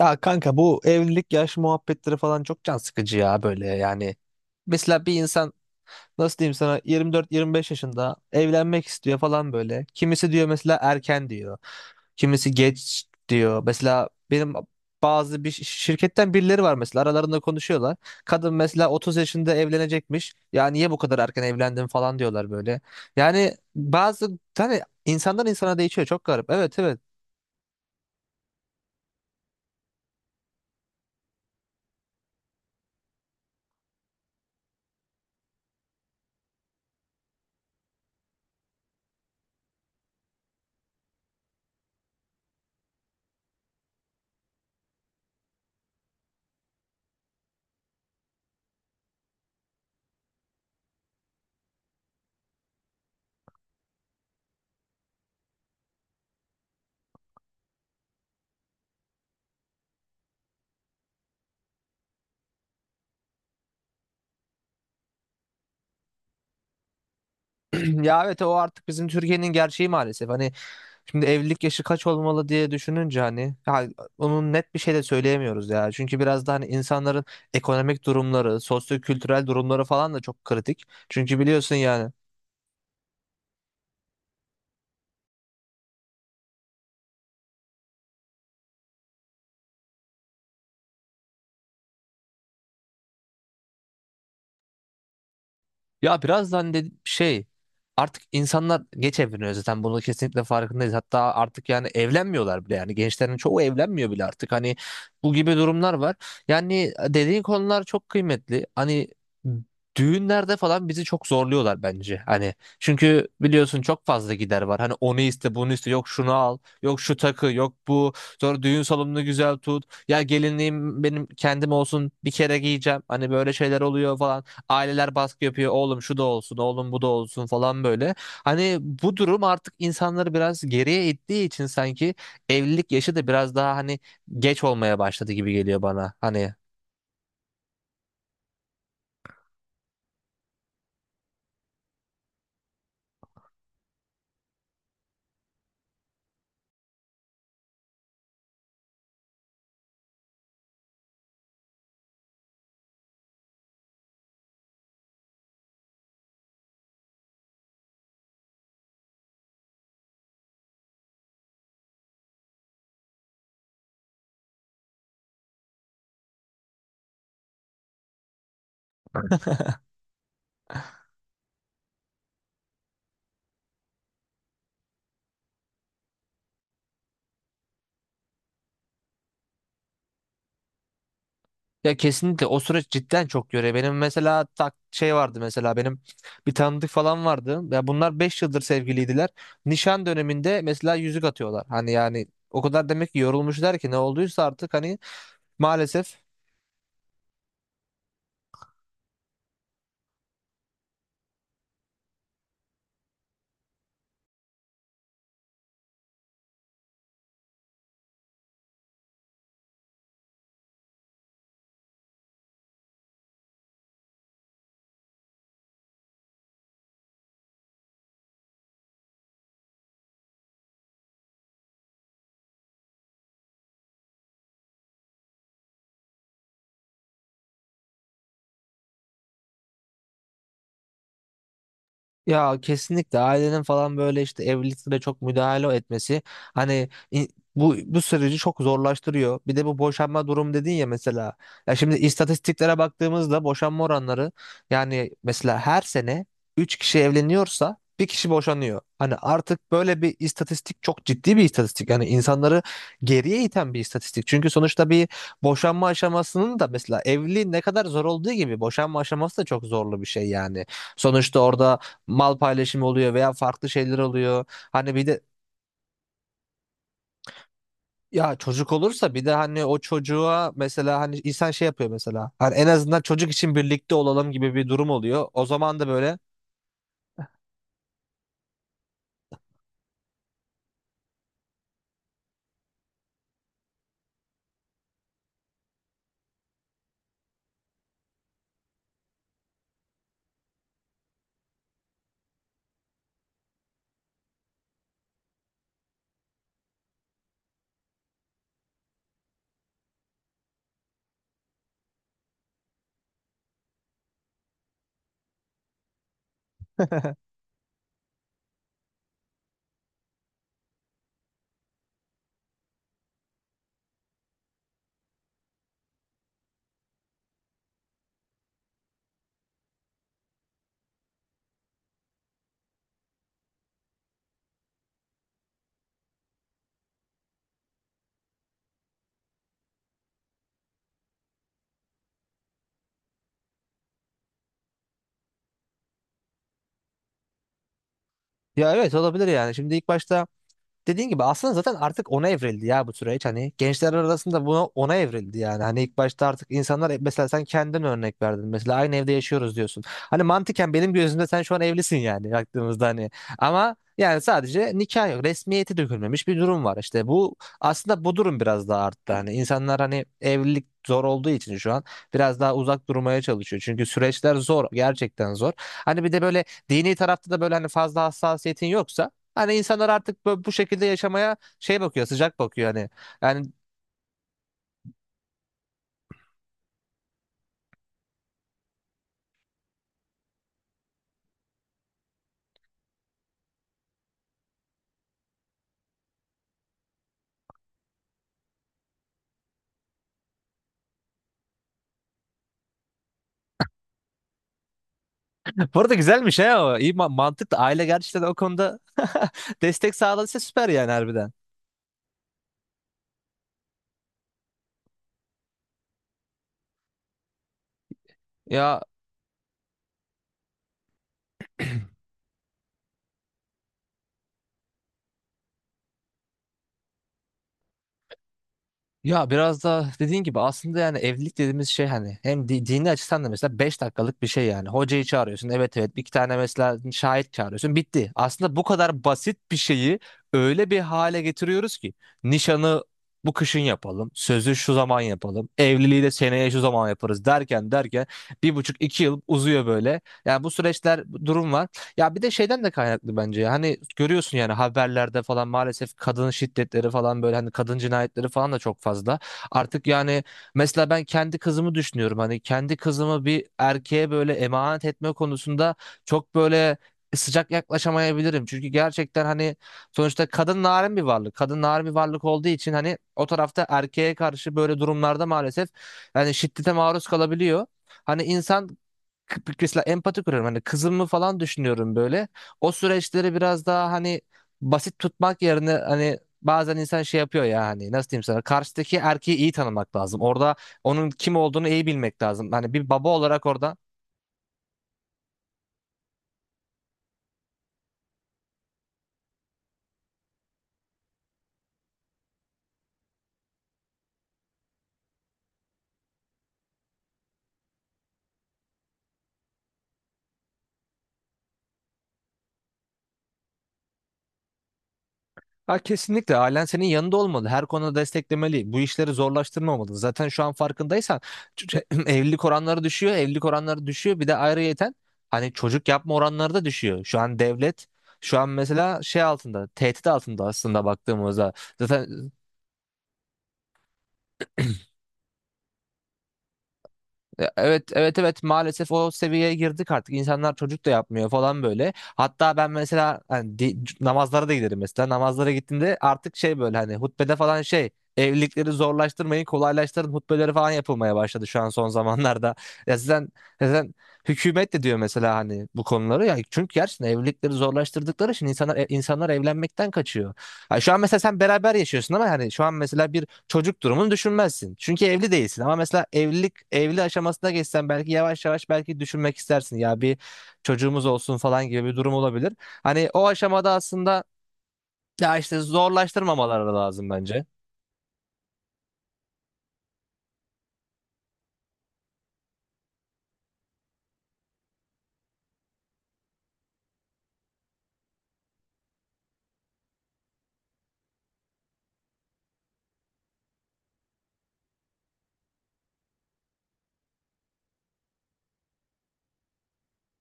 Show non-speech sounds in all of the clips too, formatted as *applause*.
Ya kanka bu evlilik yaş muhabbetleri falan çok can sıkıcı ya böyle yani. Mesela bir insan nasıl diyeyim sana 24-25 yaşında evlenmek istiyor falan böyle. Kimisi diyor mesela erken diyor. Kimisi geç diyor. Mesela benim bazı bir şirketten birileri var mesela aralarında konuşuyorlar. Kadın mesela 30 yaşında evlenecekmiş. Ya niye bu kadar erken evlendin falan diyorlar böyle. Yani bazı hani insandan insana değişiyor çok garip. Evet, evet. *clears throat* Ya evet, o artık bizim Türkiye'nin gerçeği maalesef. Hani şimdi evlilik yaşı kaç olmalı diye düşününce hani ya onun net bir şey de söyleyemiyoruz ya. Çünkü biraz da hani insanların ekonomik durumları, sosyo-kültürel durumları falan da çok kritik. Çünkü biliyorsun yani. Ya birazdan de şey, artık insanlar geç evleniyor zaten, bunu kesinlikle farkındayız. Hatta artık yani evlenmiyorlar bile, yani gençlerin çoğu evlenmiyor bile artık, hani bu gibi durumlar var. Yani dediğin konular çok kıymetli. Hani düğünlerde falan bizi çok zorluyorlar bence. Hani çünkü biliyorsun çok fazla gider var. Hani onu iste, bunu iste, yok şunu al, yok şu takı, yok bu. Sonra düğün salonunu güzel tut. Ya gelinliğim benim kendim olsun, bir kere giyeceğim. Hani böyle şeyler oluyor falan. Aileler baskı yapıyor. Oğlum şu da olsun, oğlum bu da olsun falan böyle. Hani bu durum artık insanları biraz geriye ittiği için sanki evlilik yaşı da biraz daha hani geç olmaya başladı gibi geliyor bana. Hani ya kesinlikle o süreç cidden çok yoruyor. Benim mesela şey vardı, mesela benim bir tanıdık falan vardı. Ya bunlar 5 yıldır sevgiliydiler. Nişan döneminde mesela yüzük atıyorlar. Hani yani o kadar demek ki yorulmuşlar ki, ne olduysa artık hani, maalesef. Ya kesinlikle ailenin falan böyle işte evliliklere çok müdahale etmesi hani bu süreci çok zorlaştırıyor. Bir de bu boşanma durum dedin ya mesela. Ya şimdi istatistiklere baktığımızda boşanma oranları, yani mesela her sene 3 kişi evleniyorsa bir kişi boşanıyor. Hani artık böyle bir istatistik, çok ciddi bir istatistik. Yani insanları geriye iten bir istatistik. Çünkü sonuçta bir boşanma aşamasının da, mesela evliliğin ne kadar zor olduğu gibi, boşanma aşaması da çok zorlu bir şey yani. Sonuçta orada mal paylaşımı oluyor veya farklı şeyler oluyor. Hani bir de ya çocuk olursa bir de hani o çocuğa mesela hani insan şey yapıyor mesela. Hani en azından çocuk için birlikte olalım gibi bir durum oluyor. O zaman da böyle. *laughs* Ya evet, olabilir yani. Şimdi ilk başta dediğin gibi aslında zaten artık ona evrildi ya bu süreç, hani gençler arasında ona evrildi yani, hani ilk başta artık insanlar, mesela sen kendin örnek verdin, mesela aynı evde yaşıyoruz diyorsun, hani mantıken benim gözümde sen şu an evlisin yani baktığımızda, hani ama yani sadece nikah yok, resmiyeti dökülmemiş bir durum var işte. Bu, aslında bu durum biraz daha arttı, hani insanlar hani evlilik zor olduğu için şu an biraz daha uzak durmaya çalışıyor, çünkü süreçler zor, gerçekten zor. Hani bir de böyle dini tarafta da böyle hani fazla hassasiyetin yoksa. Hani insanlar artık bu şekilde yaşamaya şey bakıyor, sıcak bakıyor hani. Yani *laughs* bu arada güzelmiş he o. İyi, mantıklı. Aile gerçekten o konuda *laughs* destek sağladıysa süper yani, harbiden. Ya Ya biraz da dediğin gibi aslında yani evlilik dediğimiz şey, hani hem dini açıdan da mesela 5 dakikalık bir şey yani. Hocayı çağırıyorsun, evet, evet, bir iki tane mesela şahit çağırıyorsun, bitti. Aslında bu kadar basit bir şeyi öyle bir hale getiriyoruz ki nişanı bu kışın yapalım, sözü şu zaman yapalım, evliliği de seneye şu zaman yaparız derken derken bir buçuk iki yıl uzuyor böyle. Yani bu süreçler, bu durum var. Ya bir de şeyden de kaynaklı bence ya. Hani görüyorsun yani haberlerde falan, maalesef kadın şiddetleri falan böyle, hani kadın cinayetleri falan da çok fazla. Artık yani mesela ben kendi kızımı düşünüyorum. Hani kendi kızımı bir erkeğe böyle emanet etme konusunda çok böyle sıcak yaklaşamayabilirim. Çünkü gerçekten hani sonuçta kadın narin bir varlık. Kadın narin bir varlık olduğu için hani o tarafta erkeğe karşı böyle durumlarda maalesef yani şiddete maruz kalabiliyor. Hani insan mesela empati kuruyorum. Hani kızımı falan düşünüyorum böyle. O süreçleri biraz daha hani basit tutmak yerine hani bazen insan şey yapıyor ya, hani nasıl diyeyim sana, karşıdaki erkeği iyi tanımak lazım. Orada onun kim olduğunu iyi bilmek lazım. Hani bir baba olarak orada. Ha, kesinlikle ailen senin yanında olmalı. Her konuda desteklemeli. Bu işleri zorlaştırmamalı. Zaten şu an farkındaysan *clears throat* evlilik oranları düşüyor. Evlilik oranları düşüyor. Bir de ayrıyeten hani çocuk yapma oranları da düşüyor. Şu an mesela şey altında, tehdit altında aslında baktığımızda. Zaten evet, evet, evet, maalesef o seviyeye girdik. Artık insanlar çocuk da yapmıyor falan böyle. Hatta ben mesela hani namazlara da giderim, mesela namazlara gittiğimde artık şey böyle hani hutbede falan şey, evlilikleri zorlaştırmayın, kolaylaştırın hutbeleri falan yapılmaya başladı şu an son zamanlarda. *laughs* Ya zaten, zaten hükümet de diyor mesela hani bu konuları ya, çünkü gerçekten evlilikleri zorlaştırdıkları için insanlar insanlar evlenmekten kaçıyor. Ha, şu an mesela sen beraber yaşıyorsun ama hani şu an mesela bir çocuk durumunu düşünmezsin. Çünkü evli değilsin. Ama mesela evlilik evli aşamasına geçsen belki yavaş yavaş belki düşünmek istersin. Ya bir çocuğumuz olsun falan gibi bir durum olabilir. Hani o aşamada aslında ya işte zorlaştırmamaları lazım bence.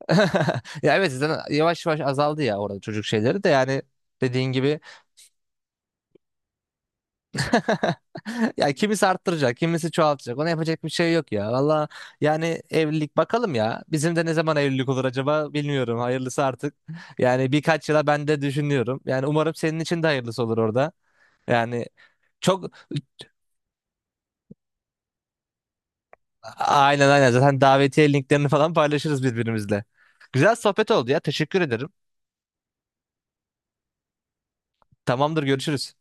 *laughs* Ya evet, zaten yavaş yavaş azaldı ya orada çocuk şeyleri de, yani dediğin gibi. *laughs* Ya kimisi arttıracak, kimisi çoğaltacak. Ona yapacak bir şey yok ya. Valla, yani evlilik, bakalım ya. Bizim de ne zaman evlilik olur acaba, bilmiyorum. Hayırlısı artık. Yani birkaç yıla ben de düşünüyorum. Yani umarım senin için de hayırlısı olur orada. Yani çok, aynen, aynen, zaten davetiye linklerini falan paylaşırız birbirimizle. Güzel sohbet oldu ya. Teşekkür ederim. Tamamdır, görüşürüz.